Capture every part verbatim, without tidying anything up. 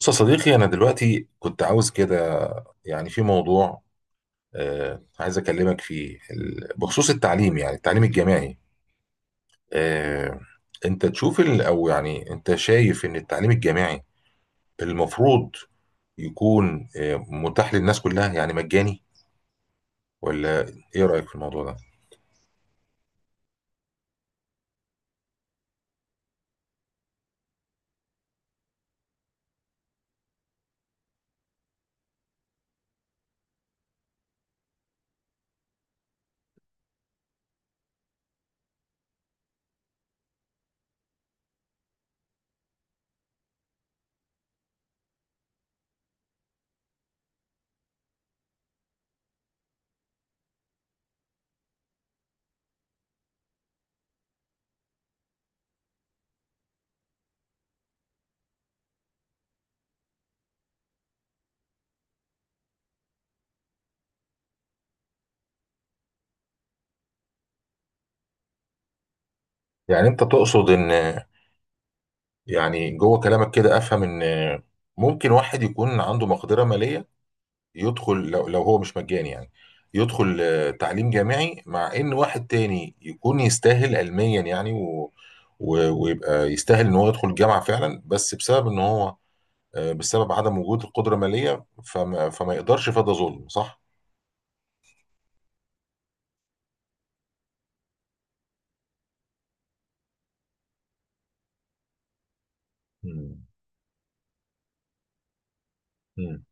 بص يا صديقي، أنا دلوقتي كنت عاوز كده. يعني في موضوع آه عايز أكلمك فيه ال- بخصوص التعليم، يعني التعليم الجامعي. آه أنت تشوف ال- أو يعني أنت شايف إن التعليم الجامعي المفروض يكون آه متاح للناس كلها، يعني مجاني، ولا إيه رأيك في الموضوع ده؟ يعني أنت تقصد إن، يعني جوه كلامك كده أفهم إن ممكن واحد يكون عنده مقدرة مالية يدخل لو, لو هو مش مجاني، يعني يدخل آه، تعليم جامعي، مع ان واحد تاني يكون يستاهل علميا، يعني و و- ويبقى يستاهل ان هو يدخل الجامعه فعلا، بس بسبب ان هو آه، بسبب عدم وجود القدره الماليه فما, فما يقدرش، فده ظلم صح؟ مم. مم.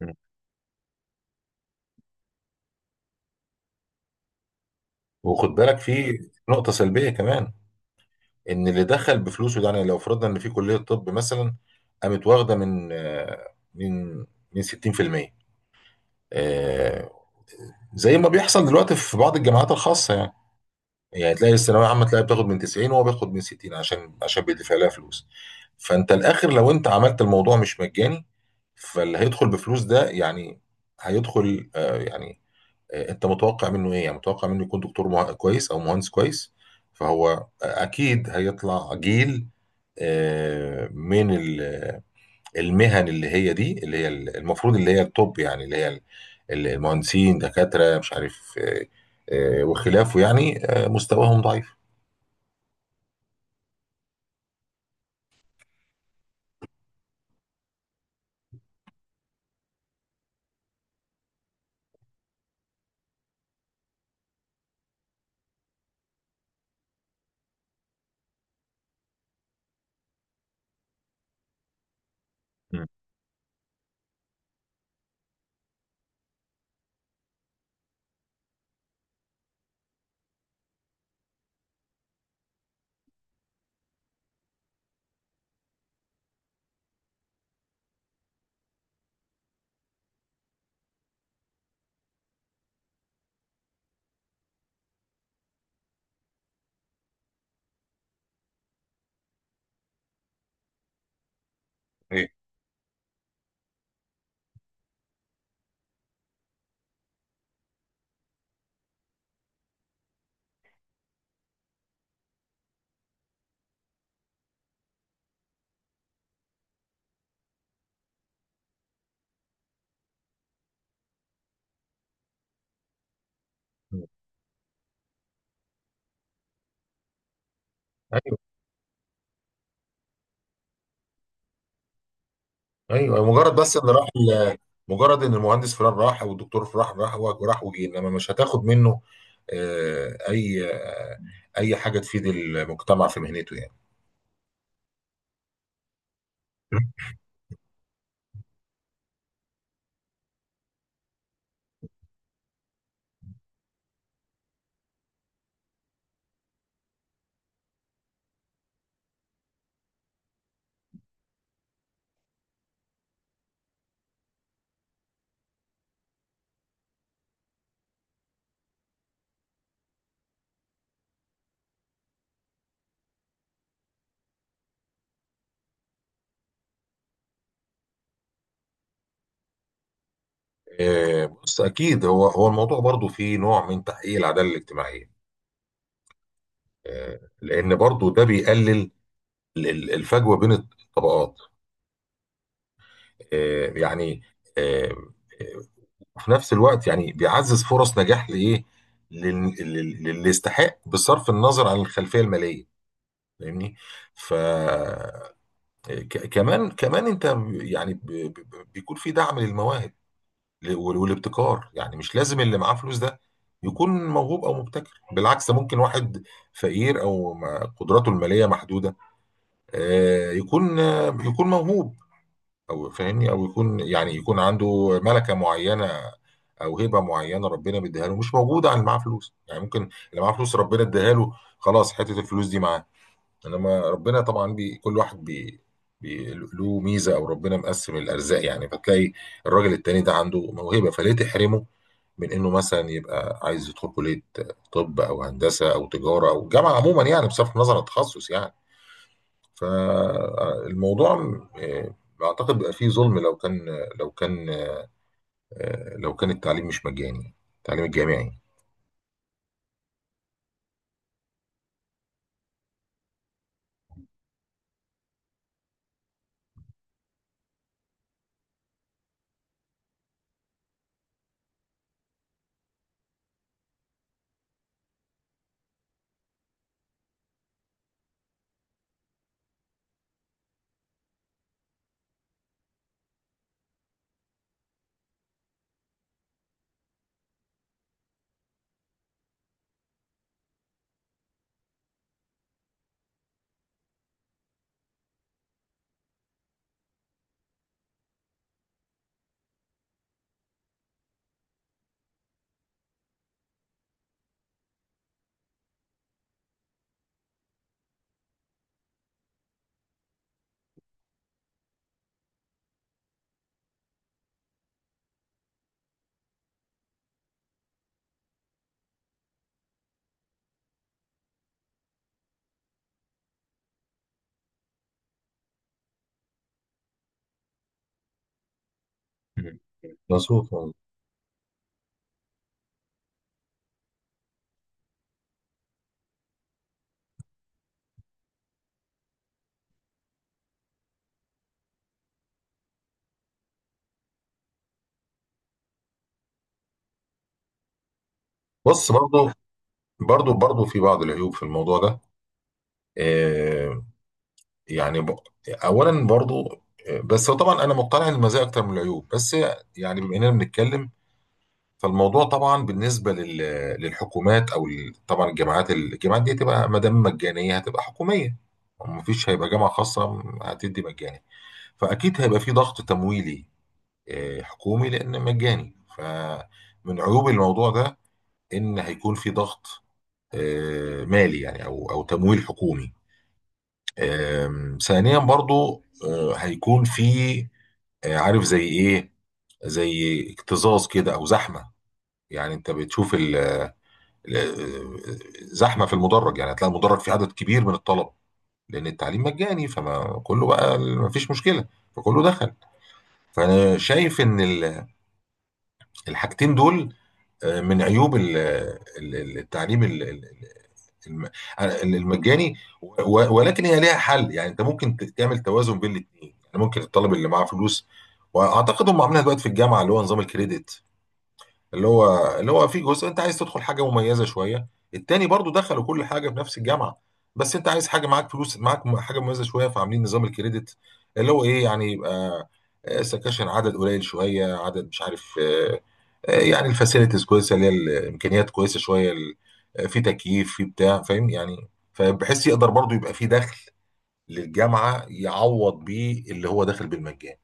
مم. وخد بالك، في نقطة سلبية كمان، إن اللي دخل بفلوسه ده، يعني لو فرضنا إن في كلية طب مثلا قامت واخدة من آه، من من ستين في المية، آه، زي ما بيحصل دلوقتي في بعض الجامعات الخاصه يعني. يعني تلاقي الثانويه عامه تلاقي بتاخد من تسعين وهو بياخد من ستين عشان عشان بيدفع لها فلوس. فانت الاخر لو انت عملت الموضوع مش مجاني، فاللي هيدخل بفلوس ده، يعني هيدخل، آه، يعني آه، انت متوقع منه ايه؟ يعني متوقع منه يكون دكتور مه- كويس او مهندس كويس. فهو اكيد هيطلع جيل آه، من ال المهن اللي هي دي، اللي هي المفروض، اللي هي الطب، يعني اللي هي ال- ال- المهندسين دكاترة مش عارف آه، آه، وخلافه، يعني آه، مستواهم ضعيف. مم. ايه. مم. ايوه. ايوه، مجرد بس ان راح ال- مجرد ان المهندس فلان راح او الدكتور فلان راح وراح وجه، انما مش هتاخد منه آه، اي آه، اي حاجه تفيد المجتمع في مهنته يعني. آه، بص، اكيد هو هو الموضوع برضو فيه نوع من تحقيق العداله الاجتماعيه. آه، لان برضو ده بيقلل ال- ال- الفجوه بين الطبقات. آه، يعني آه، آه، في نفس الوقت يعني بيعزز فرص نجاح لايه، لل- لل- للي يستحق بصرف النظر عن الخلفيه الماليه، فاهمني؟ ف آه، ك- كمان كمان انت، يعني ب- ب- بيكون في دعم للمواهب ل- وال- والابتكار. يعني مش لازم اللي معاه فلوس ده يكون موهوب او مبتكر، بالعكس، ده ممكن واحد فقير او ما- قدراته الماليه محدوده آه، يكون آه، يكون موهوب، او فاهمني، او يكون، يعني يكون عنده ملكه معينه او هبه معينه ربنا بيديها له مش موجوده عن اللي معاه فلوس. يعني ممكن اللي معاه فلوس ربنا اداها له، خلاص حته الفلوس دي معاه، انما ربنا طبعا بي كل واحد بي بي له ميزه، او ربنا مقسم الارزاق، يعني فتلاقي الراجل التاني ده عنده موهبه، فليه تحرمه من انه مثلا يبقى عايز يدخل كليه طب او هندسه او تجاره او جامعه عموما، يعني بصرف النظر عن التخصص يعني. فالموضوع آه، اعتقد بقى فيه ظلم لو كان لو كان آه، لو كان التعليم مش مجاني، التعليم الجامعي. مم. مظبوط. بص برضو برضو برضو في بعض العيوب في الموضوع ده. آه، يعني ب- اولا برضو آه، بس طبعا انا مقتنع ان المزايا اكتر من العيوب، بس يعني بما اننا بنتكلم. فالموضوع طبعا بالنسبه لل- للحكومات، او ال- طبعا الجامعات، الجامعات دي هتبقى ما دام مجانيه هتبقى حكوميه، مفيش هيبقى جامعه خاصه هتدي مجاني. فأكيد هيبقى في ضغط تمويلي آه، حكومي، لأن مجاني. فمن عيوب الموضوع ده إن هيكون في ضغط آه، مالي، يعني أو أو تمويل حكومي. آم، ثانيا برضو آه، هيكون في آه، عارف زي إيه، زي اكتظاظ كده أو زحمة، يعني أنت بتشوف ال- ال- زحمة في المدرج. يعني هتلاقي المدرج فيه عدد كبير من الطلب لأن التعليم مجاني، فما كله بقى مفيش مشكلة فكله دخل. فأنا شايف إن ال الحاجتين دول آه، من عيوب ال- ال- ال- التعليم ال- ال- الم- المجاني. و- ولكن هي ليها حل، يعني انت ممكن ت- تعمل توازن بين الاثنين. يعني ممكن الطالب اللي معاه فلوس، واعتقد هم عاملينها دلوقتي في الجامعه، اللي هو نظام الكريدت، اللي هو اللي هو في جزء انت عايز تدخل حاجه مميزه شويه، التاني برضو دخلوا كل حاجه في نفس الجامعه، بس انت عايز حاجه، معاك فلوس، معاك م- حاجه مميزه شويه، فعاملين نظام الكريدت اللي هو ايه، يعني يبقى آه، سكاشن عدد قليل شويه، عدد مش عارف آه، يعني الفاسيلتيز كويسه، اللي هي الامكانيات كويسه شويه، ال- في تكييف، في بتاع، فاهم يعني. فبحس يقدر برضه يبقى في دخل للجامعه يعوض بيه اللي هو داخل بالمجان.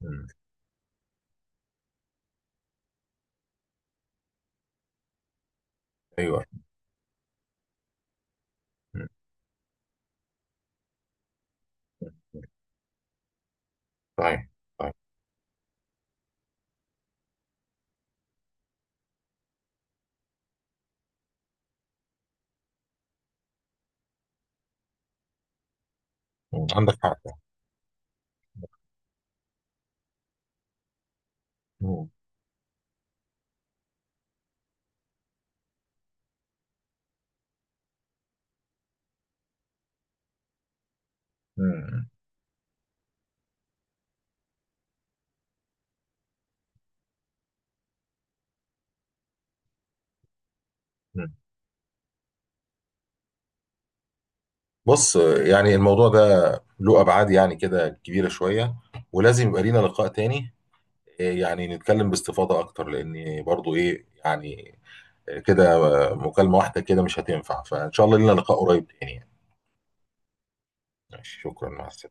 مم. ايوه. مم. صحيح. صحيح. مم. عندك حق. مم. مم. مم. بص، يعني الموضوع ده له ابعاد يعني كده كبيره شويه، ولازم يبقى لينا لقاء تاني. إيه، يعني نتكلم باستفاضه اكتر، لان برضو ايه يعني إيه كده، مكالمه واحده كده مش هتنفع. فان شاء الله لينا لقاء قريب تاني يعني. ماشي، شكرا، مع السلامة.